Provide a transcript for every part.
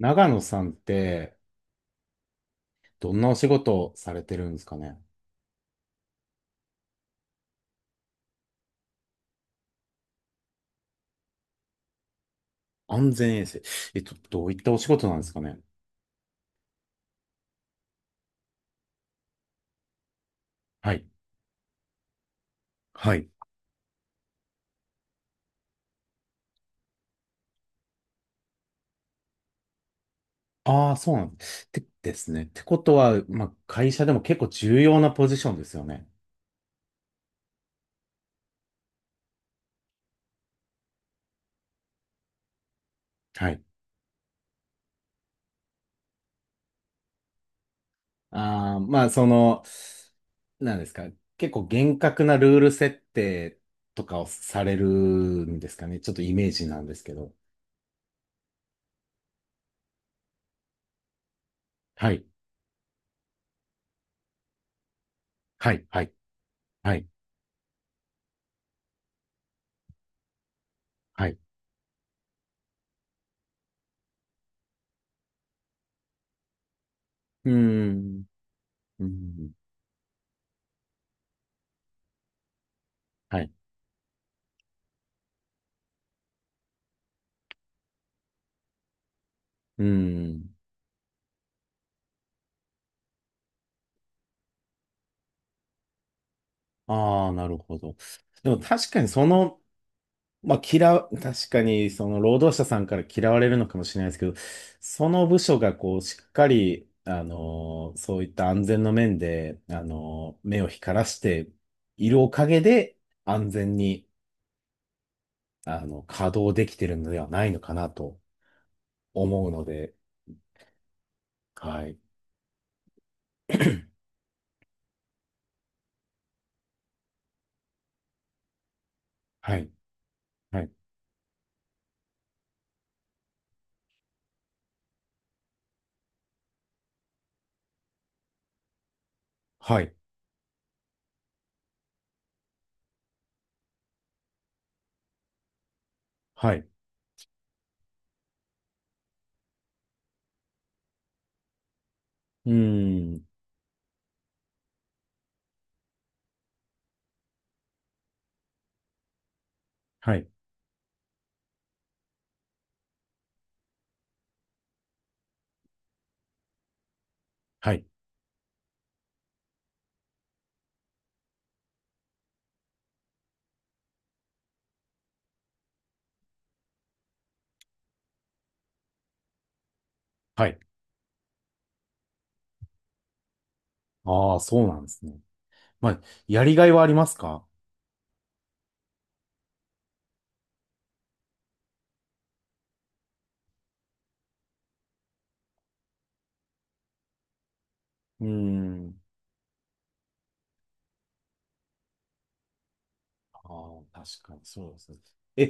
長野さんって、どんなお仕事をされてるんですかね？安全衛生。どういったお仕事なんですかね？はい。はい。ああ、そうなんです。てですね。ってことは、まあ、会社でも結構重要なポジションですよね。はい。ああ、まあ、その、なんですか。結構厳格なルール設定とかをされるんですかね。ちょっとイメージなんですけど。はい。はい。はい。はい。はい。うーん。うん。はい。うーん。ああ、なるほど。でも確かにその、まあ嫌う、確かにその労働者さんから嫌われるのかもしれないですけど、その部署がこうしっかり、そういった安全の面で、目を光らしているおかげで安全に、稼働できてるのではないのかなと思うので、はい。はい。はい。はい。はい。うーん。はい。はい。はい。ああ、そうなんですね。まあ、やりがいはありますか？うーん。ああ、確かにそうですね。え、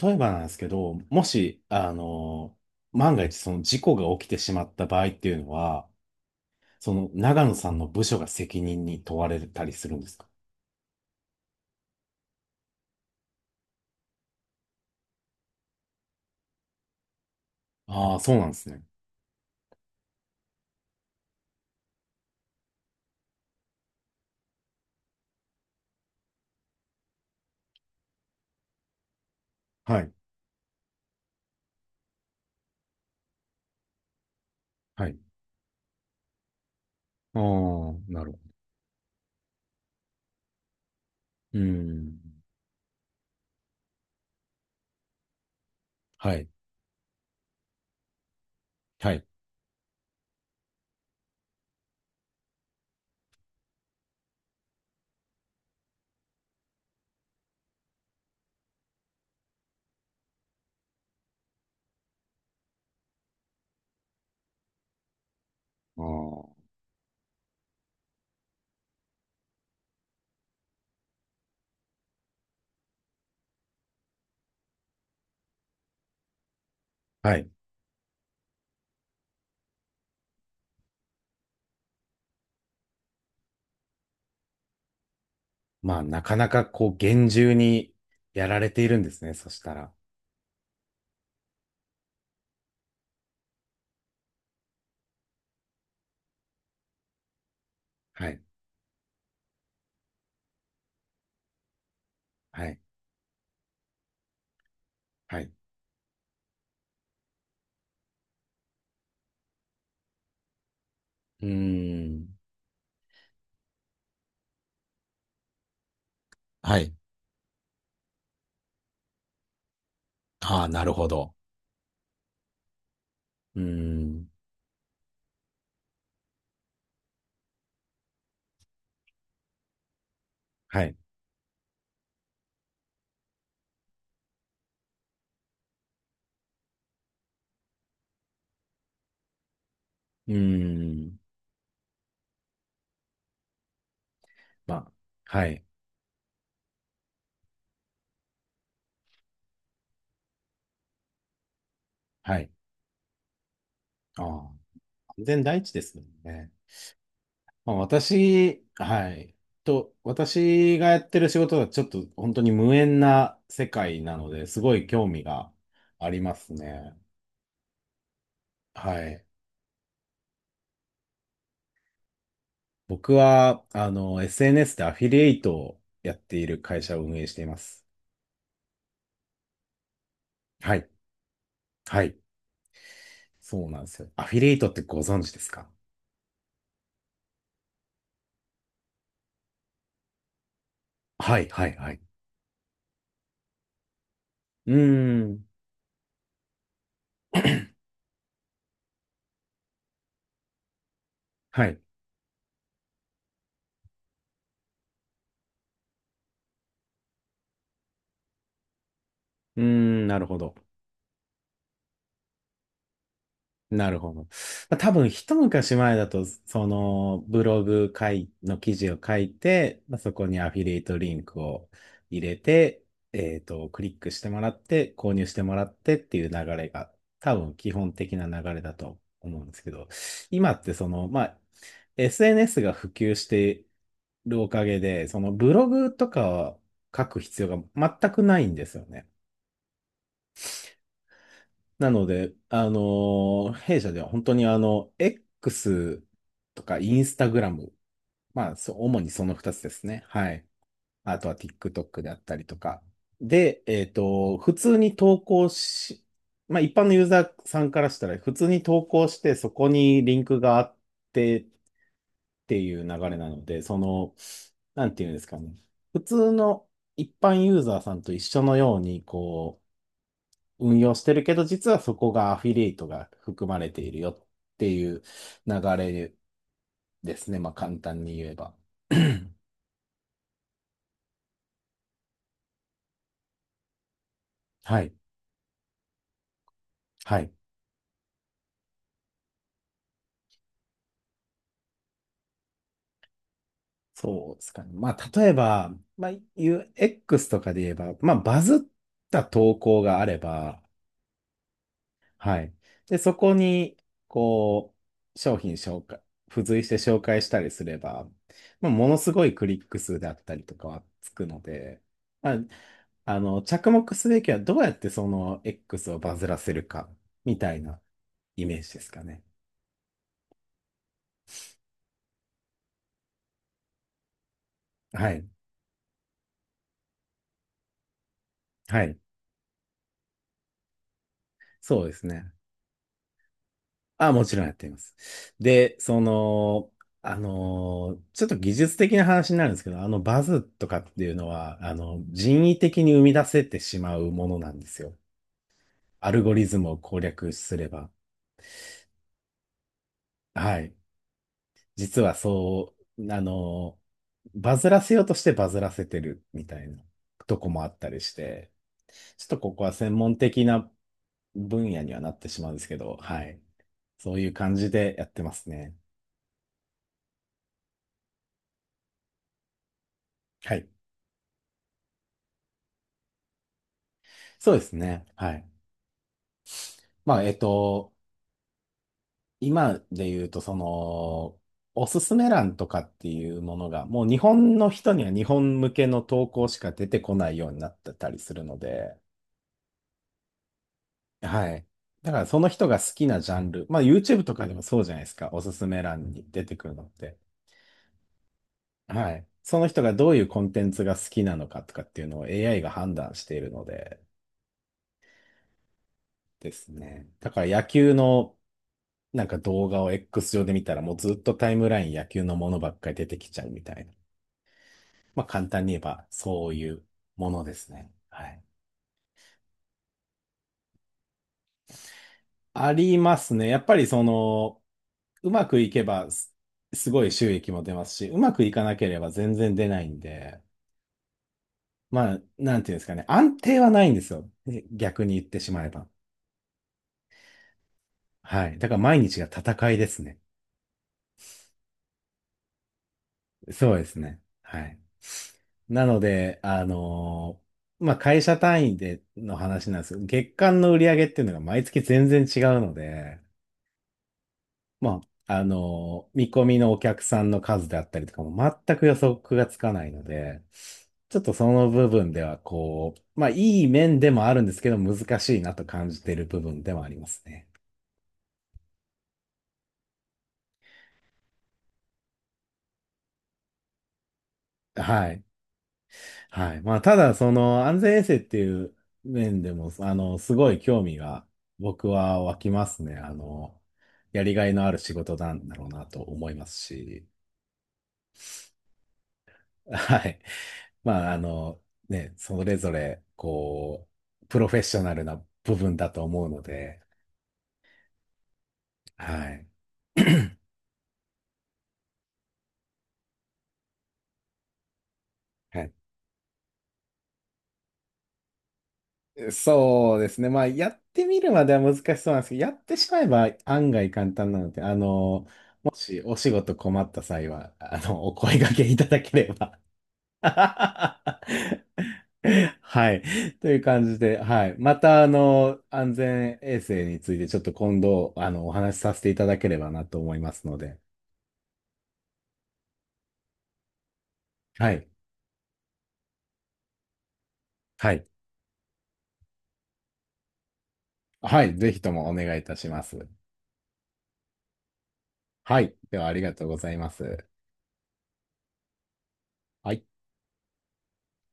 例えばなんですけど、もし、万が一その事故が起きてしまった場合っていうのは、その長野さんの部署が責任に問われたりするんですか？ああー、そうなんですね。はい。はい。ああ、なるほど。うーん。はい。はい。ああ。はい。まあ、なかなかこう、厳重にやられているんですね。そしたら。はい。はい。はい。うーん。はい。ああ、なるほど。うーん。はい。うーん。まあ、はい。はい。ああ、安全第一ですもんね。まあ、私、はい。と、私がやってる仕事はちょっと本当に無縁な世界なので、すごい興味がありますね。はい。僕は、SNS でアフィリエイトをやっている会社を運営しています。はい。はい。そうなんですよ。アフィリエイトってご存知ですか？はい、はい、はい。うーん。はい。うーん、なるほど。なるほど。まあ多分一昔前だと、そのブログ書いの記事を書いて、まあそこにアフィリエイトリンクを入れて、クリックしてもらって、購入してもらってっていう流れが、多分基本的な流れだと思うんですけど、今ってその、まあ、SNS が普及してるおかげで、そのブログとかは書く必要が全くないんですよね。なので、弊社では本当にX とかインスタグラム、まあ、そう、主にその2つですね。はい。あとは TikTok であったりとか。で、普通に投稿し、まあ、一般のユーザーさんからしたら、普通に投稿して、そこにリンクがあってっていう流れなので、その、なんていうんですかね。普通の一般ユーザーさんと一緒のように、こう、運用してるけど、実はそこがアフィリエイトが含まれているよっていう流れですね。まあ簡単に言えば。はい。はい。そうですかね。まあ例えば、まあ UX とかで言えば、まあバズった投稿があれば、はい。で、そこに、こう、商品紹介、付随して紹介したりすれば、まあ、ものすごいクリック数であったりとかはつくので、まあ、着目すべきはどうやってその X をバズらせるか、みたいなイメージですかね。はい。はい。そうですね。あ、もちろんやっています。で、その、ちょっと技術的な話になるんですけど、あのバズとかっていうのは、人為的に生み出せてしまうものなんですよ。アルゴリズムを攻略すれば。はい。実はそう、バズらせようとしてバズらせてるみたいなとこもあったりして、ちょっとここは専門的な分野にはなってしまうんですけど、はい。そういう感じでやってますね。はい。そうですね。はい。まあ、今で言うと、その、おすすめ欄とかっていうものが、もう日本の人には日本向けの投稿しか出てこないようになってたりするので、はい。だからその人が好きなジャンル、まあ YouTube とかでもそうじゃないですか、おすすめ欄に出てくるのって。はい。その人がどういうコンテンツが好きなのかとかっていうのを AI が判断しているのでですね。だから野球のなんか動画を X 上で見たらもうずっとタイムライン野球のものばっかり出てきちゃうみたいな。まあ簡単に言えばそういうものですね。はい。ありますね。やっぱりその、うまくいけばすごい収益も出ますし、うまくいかなければ全然出ないんで、まあ、なんていうんですかね。安定はないんですよ。逆に言ってしまえば。はい。だから毎日が戦いですね。そうですね。はい。なので、まあ会社単位での話なんですけど、月間の売り上げっていうのが毎月全然違うので、まあ、見込みのお客さんの数であったりとかも全く予測がつかないので、ちょっとその部分ではこう、まあいい面でもあるんですけど難しいなと感じている部分でもありますね。はい。はい。まあただその安全衛生っていう面でも、すごい興味が僕は湧きますね。やりがいのある仕事なんだろうなと思いますし。はい。まあ、ね、それぞれ、こう、プロフェッショナルな部分だと思うので、はい。はい。そうですね。まあ、やってみるまでは難しそうなんですけど、やってしまえば案外簡単なので、もしお仕事困った際は、お声掛けいただければ。はい。という感じで、はい。また、安全衛生についてちょっと今度、お話しさせていただければなと思いますので。はい。はい。はい。ぜひともお願いいたします。はい。では、ありがとうございます。はい。